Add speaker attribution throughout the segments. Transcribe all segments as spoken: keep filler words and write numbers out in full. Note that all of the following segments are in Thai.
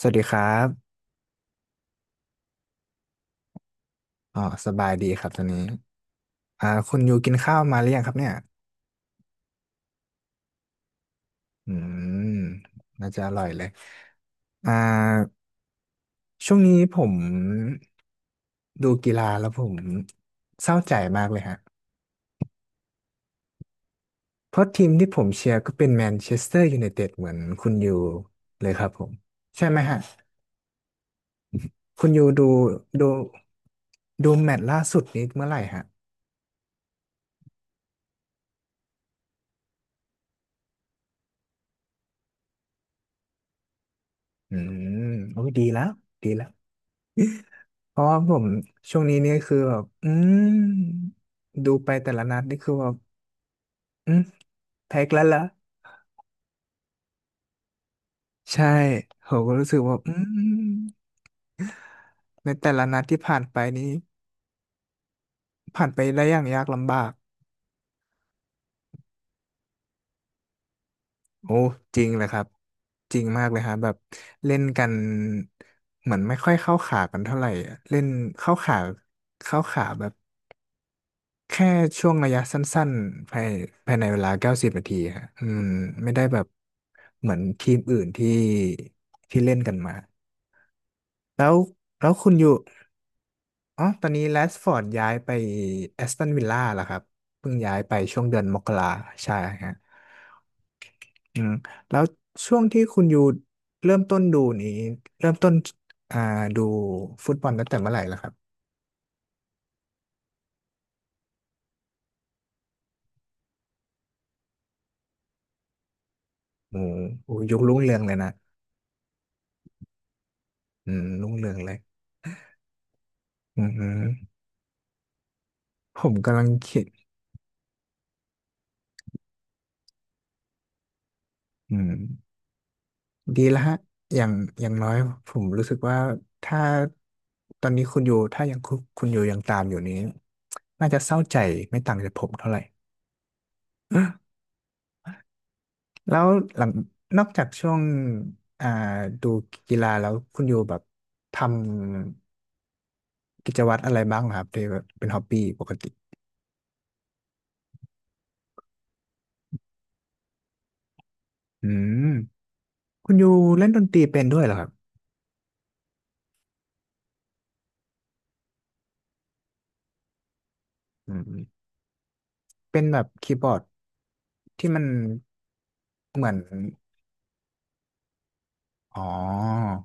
Speaker 1: สวัสดีครับ อ๋อ สบายดีครับตอนนี้อ่าคุณอยู่กินข้าวมาหรือยังครับเนี่ย อืม น่าจะอร่อยเลย อ่า ช่วงนี้ผมดูกีฬาแล้วผมเศร้าใจมากเลยฮะ เพราะทีมที่ผมเชียร์ก็เป็นแมนเชสเตอร์ยูไนเต็ดเหมือนคุณอยู่เลยครับผม ใช่ไหมฮะ คุณอยู่ดูดูดูแมตช์ล่าสุดนี้เมื่อไหร่ฮะ อืมโอ้ยดีแล้ว ดีแล้ว เพราะว่าผมช่วงนี้เนี่ยคือแบบอืมดูไปแต่ละนัดนี่คือแบบอืมแพ้อีกแล้วละใช่ผมก็รู้สึกว่าอืมในแต่ละนัดที่ผ่านไปนี้ผ่านไปได้อย่างยากลำบากโอ้จริงเลยครับจริงมากเลยฮะแบบเล่นกันเหมือนไม่ค่อยเข้าขากันเท่าไหร่อะเล่นเข้าขาเข้าขาแบบ แค่ช่วงระยะสั้นๆภายภายในเวลาเก้าสิบนาทีฮะอืมไม่ได้แบบเหมือนทีมอื่นที่ที่เล่นกันมาแล้วแล้วคุณอยู่อ๋อตอนนี้แรชฟอร์ดย้ายไปแอสตันวิลล่าแล้วครับเพิ่งย้ายไปช่วงเดือนมกราใช่ฮะอืมแล้วช่วงที่คุณอยู่เริ่มต้นดูนี้เริ่มต้นอ่าดูฟุตบอลตั้งแต่เมื่อไหร่ล่ะครับโอ้โหยุครุ่งเรืองเลยนะอืมรุ่งเรืองเลยอืมผมกำลังคิด อืมดีแล้วฮะอย่างอย่างน้อย ผมรู้สึกว่า ถ้าตอนนี้คุณอยู่ถ้ายังคุณคุณอยู่ยังตามอยู่นี้น่าจะเศร้าใจไม่ต่างจากผมเท่าไหร่แล้วหลังนอกจากช่วงอ่าดูกีฬาแล้ว คุณอยู่แบบทำกิจวัตรอะไรบ้างเหรอครับที่แบบเป็นฮอบบี้ปกติอืมคุณอยู่เล่นดนตรีเป็นด้วยเหรอครับอืมเป็นแบบคีย์บอร์ดที่มันเหมือนอ๋อ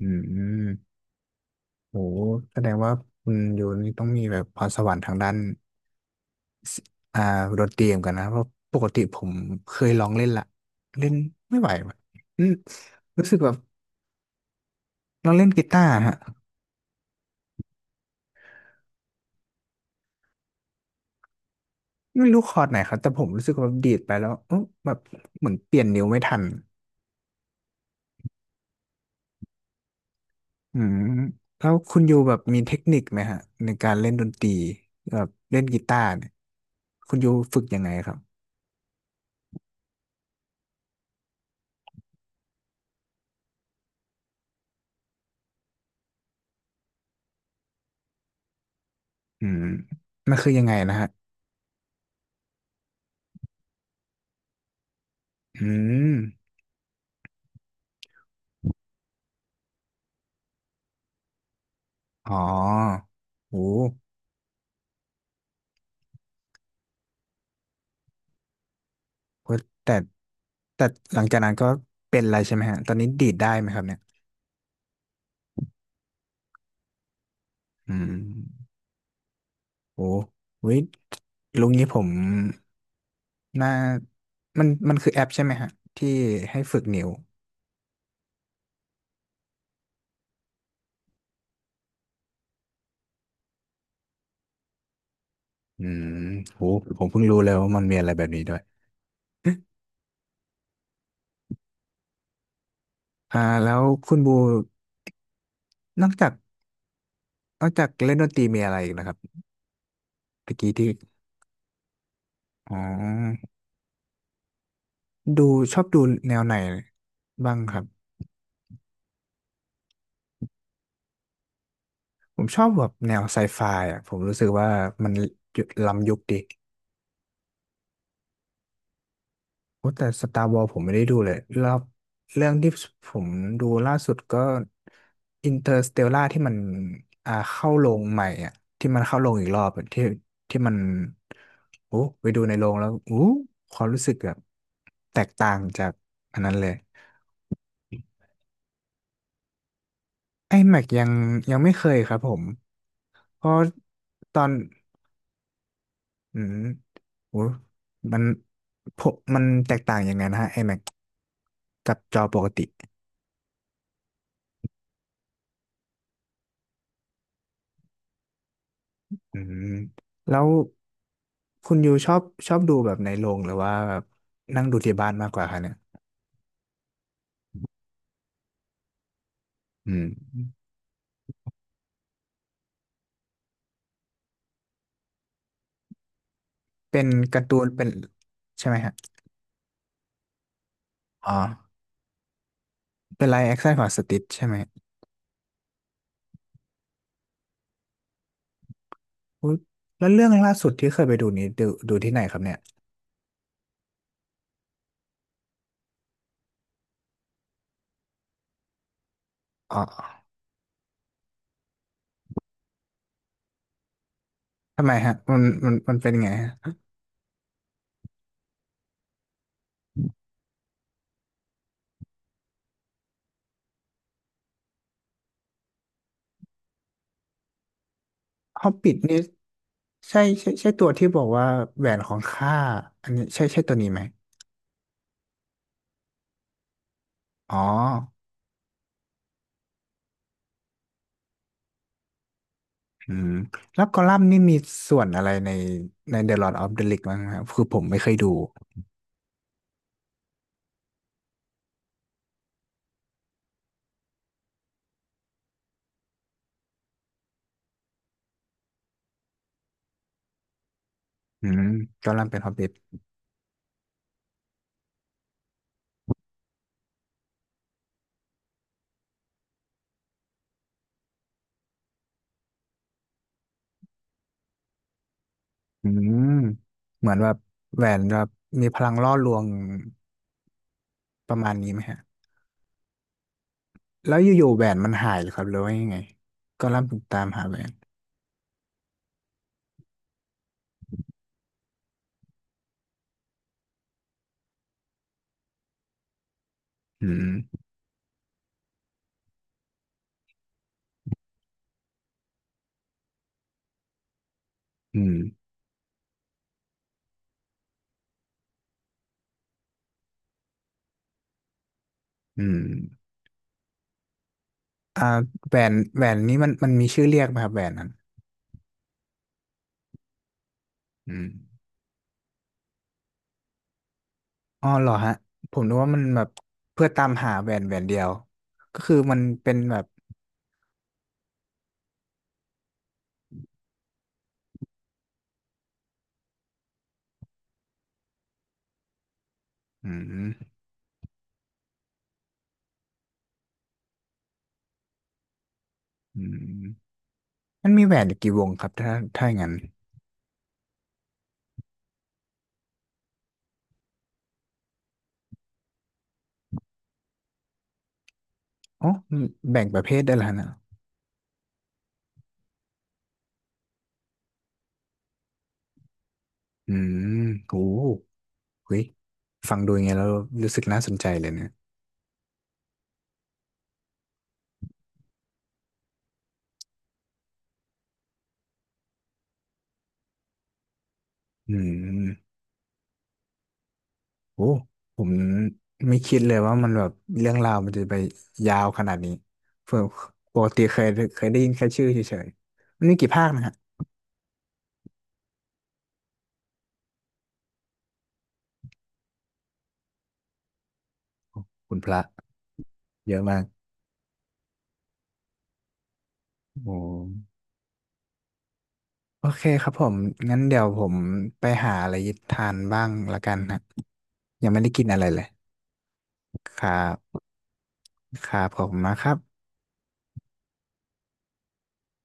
Speaker 1: อืม โหแสดงว่าคุณอยู่นี่ต้องมีแบบพรสวรรค์ทางด้านอ่าดนตรีเหมือนกันนะเพราะปกติผมเคยลองเล่นละเล่นไม่ไหวว่ะอืมรู้สึกแบบลองเล่นกีตาร์ฮะไม่รู้คอร์ดไหนครับแต่ผมรู้สึกว่าแบบดีดไปแล้วเอ๊ะแบบเหมือนเปลี่ยนนิ้วไม่ทันอืมแล้วคุณอยู่แบบมีเทคนิคไหมฮะในการเล่นดนตรีแบบเล่นกีตาร์เนี่ยคุณอยู่ฝึกยังไงครับอืมมันคือยังไงนะฮะอืมอ๋อโอ้ โอ้ยแต่แต่หลังจากนั้นก็เป็นอะไรใช่ไหมฮะตอนนี้ดีดได้ไหมครับเนี่ยอืมโอ้ว้ยลุงนี้ผมน่ามันมันคือแอปใช่ไหมฮะที่ให้ฝึกนิ้วอืมโหผมเพิ่งรู้เลยว่ามันมีอะไรแบบนี้ด้วยอ่าแล้วคุณบูนอกจากนอกจากเล่นดนตรีมีอะไรอีกนะครับตะกี้ที่อ๋อดูชอบดูแนวไหนบ้างครับผมชอบแบบแนวไซไฟอ่ะผมรู้สึกว่ามันล้ำยุคดี โอ้แต่ Star Wars ผมไม่ได้ดูเลยรอบเรื่องที่ผมดูล่าสุดก็ Interstellar ที่มันอ่าเข้าโรงใหม่อ่ะที่มันเข้าโรงอีกรอบอะที่ที่มันโอ้ไปดูในโรงแล้วอู้ความรู้สึกแบบแตกต่างจากอันนั้นเลยไอ้แม็กยังยังไม่เคยครับผมเพราะตอนอืมโอ้มันผมมันแตกต่างยังไงนะฮะไอ้แม็กกับจอปกติอืมแล้ว คุณยูชอบชอบดูแบบในโรงหรือว่าแบบนั่งดูที่บ้านมากกว่าคะเนี่ยอืมเป็นการ์ตูนเป็นใช่ไหมฮะ อ๋อ เป็นไลฟ์แอคชั่นของสติชใช่ไหมอุ๊ยแล้วเรื่องล่าสุดที่เคยไปดูนี้ดูดูที่ไหนครับเนี่ย อ๋อ ทำไมฮะ มันมันมันเป็นไงฮะฮอบบิทนี่ใช่ใช่ใช่ตัวที่บอกว่าแหวนของข้าอันนี้ใช่ใช่ตัวนี้ไหมอ๋ออืมแล้วกอลัมน์นี่มีส่วนอะไรในใน The Lord of the Rings บ้างไหมครับคือผมไม่เคยดูอืมกอลัมน์เป็นฮอบบิท อืมเหมือนแบบแหวนแบบมีพลังล่อลวงประมาณนี้ไหมฮะแล้วอยู่ๆแหวนมันหายเหรือครับหรือว่ายังไงก็ล่ำถึงตามหาแหวนอืมอืมอืมอ่าแหวนแหวนนี้มันมันมีชื่อเรียกไหมครับแหวนนั้นอืมอ๋อเหรอฮะผมนึกว่ามันแบบเพื่อตามหาแหวนแหวนเดียวก็คือมันเป็นแบบอืมอืมมันมีแหวนอยู่กี่วงครับถ้าถ้าอย่างนั้นอ๋อแบ่งประเภทได้แล้วนะอืมโห เฮ้ยฟังดูยังไงแล้วรู้สึกน่าสนใจเลยเนี่ยอืมโอ้ผมไม่คิดเลยว่ามันแบบเรื่องราวมันจะไปยาวขนาดนี้เพื่อปกติเคยเคยได้ยินแค่ชื่อเฉยๆมันมีกี่ภาคนะฮะคุณพระเยอะมากโอ้โอเคครับผมงั้นเดี๋ยวผมไปหาอะไรทานบ้างละกันฮะยังไม่ได้กินอะไรเลยครับครับขอบคุณมากครับ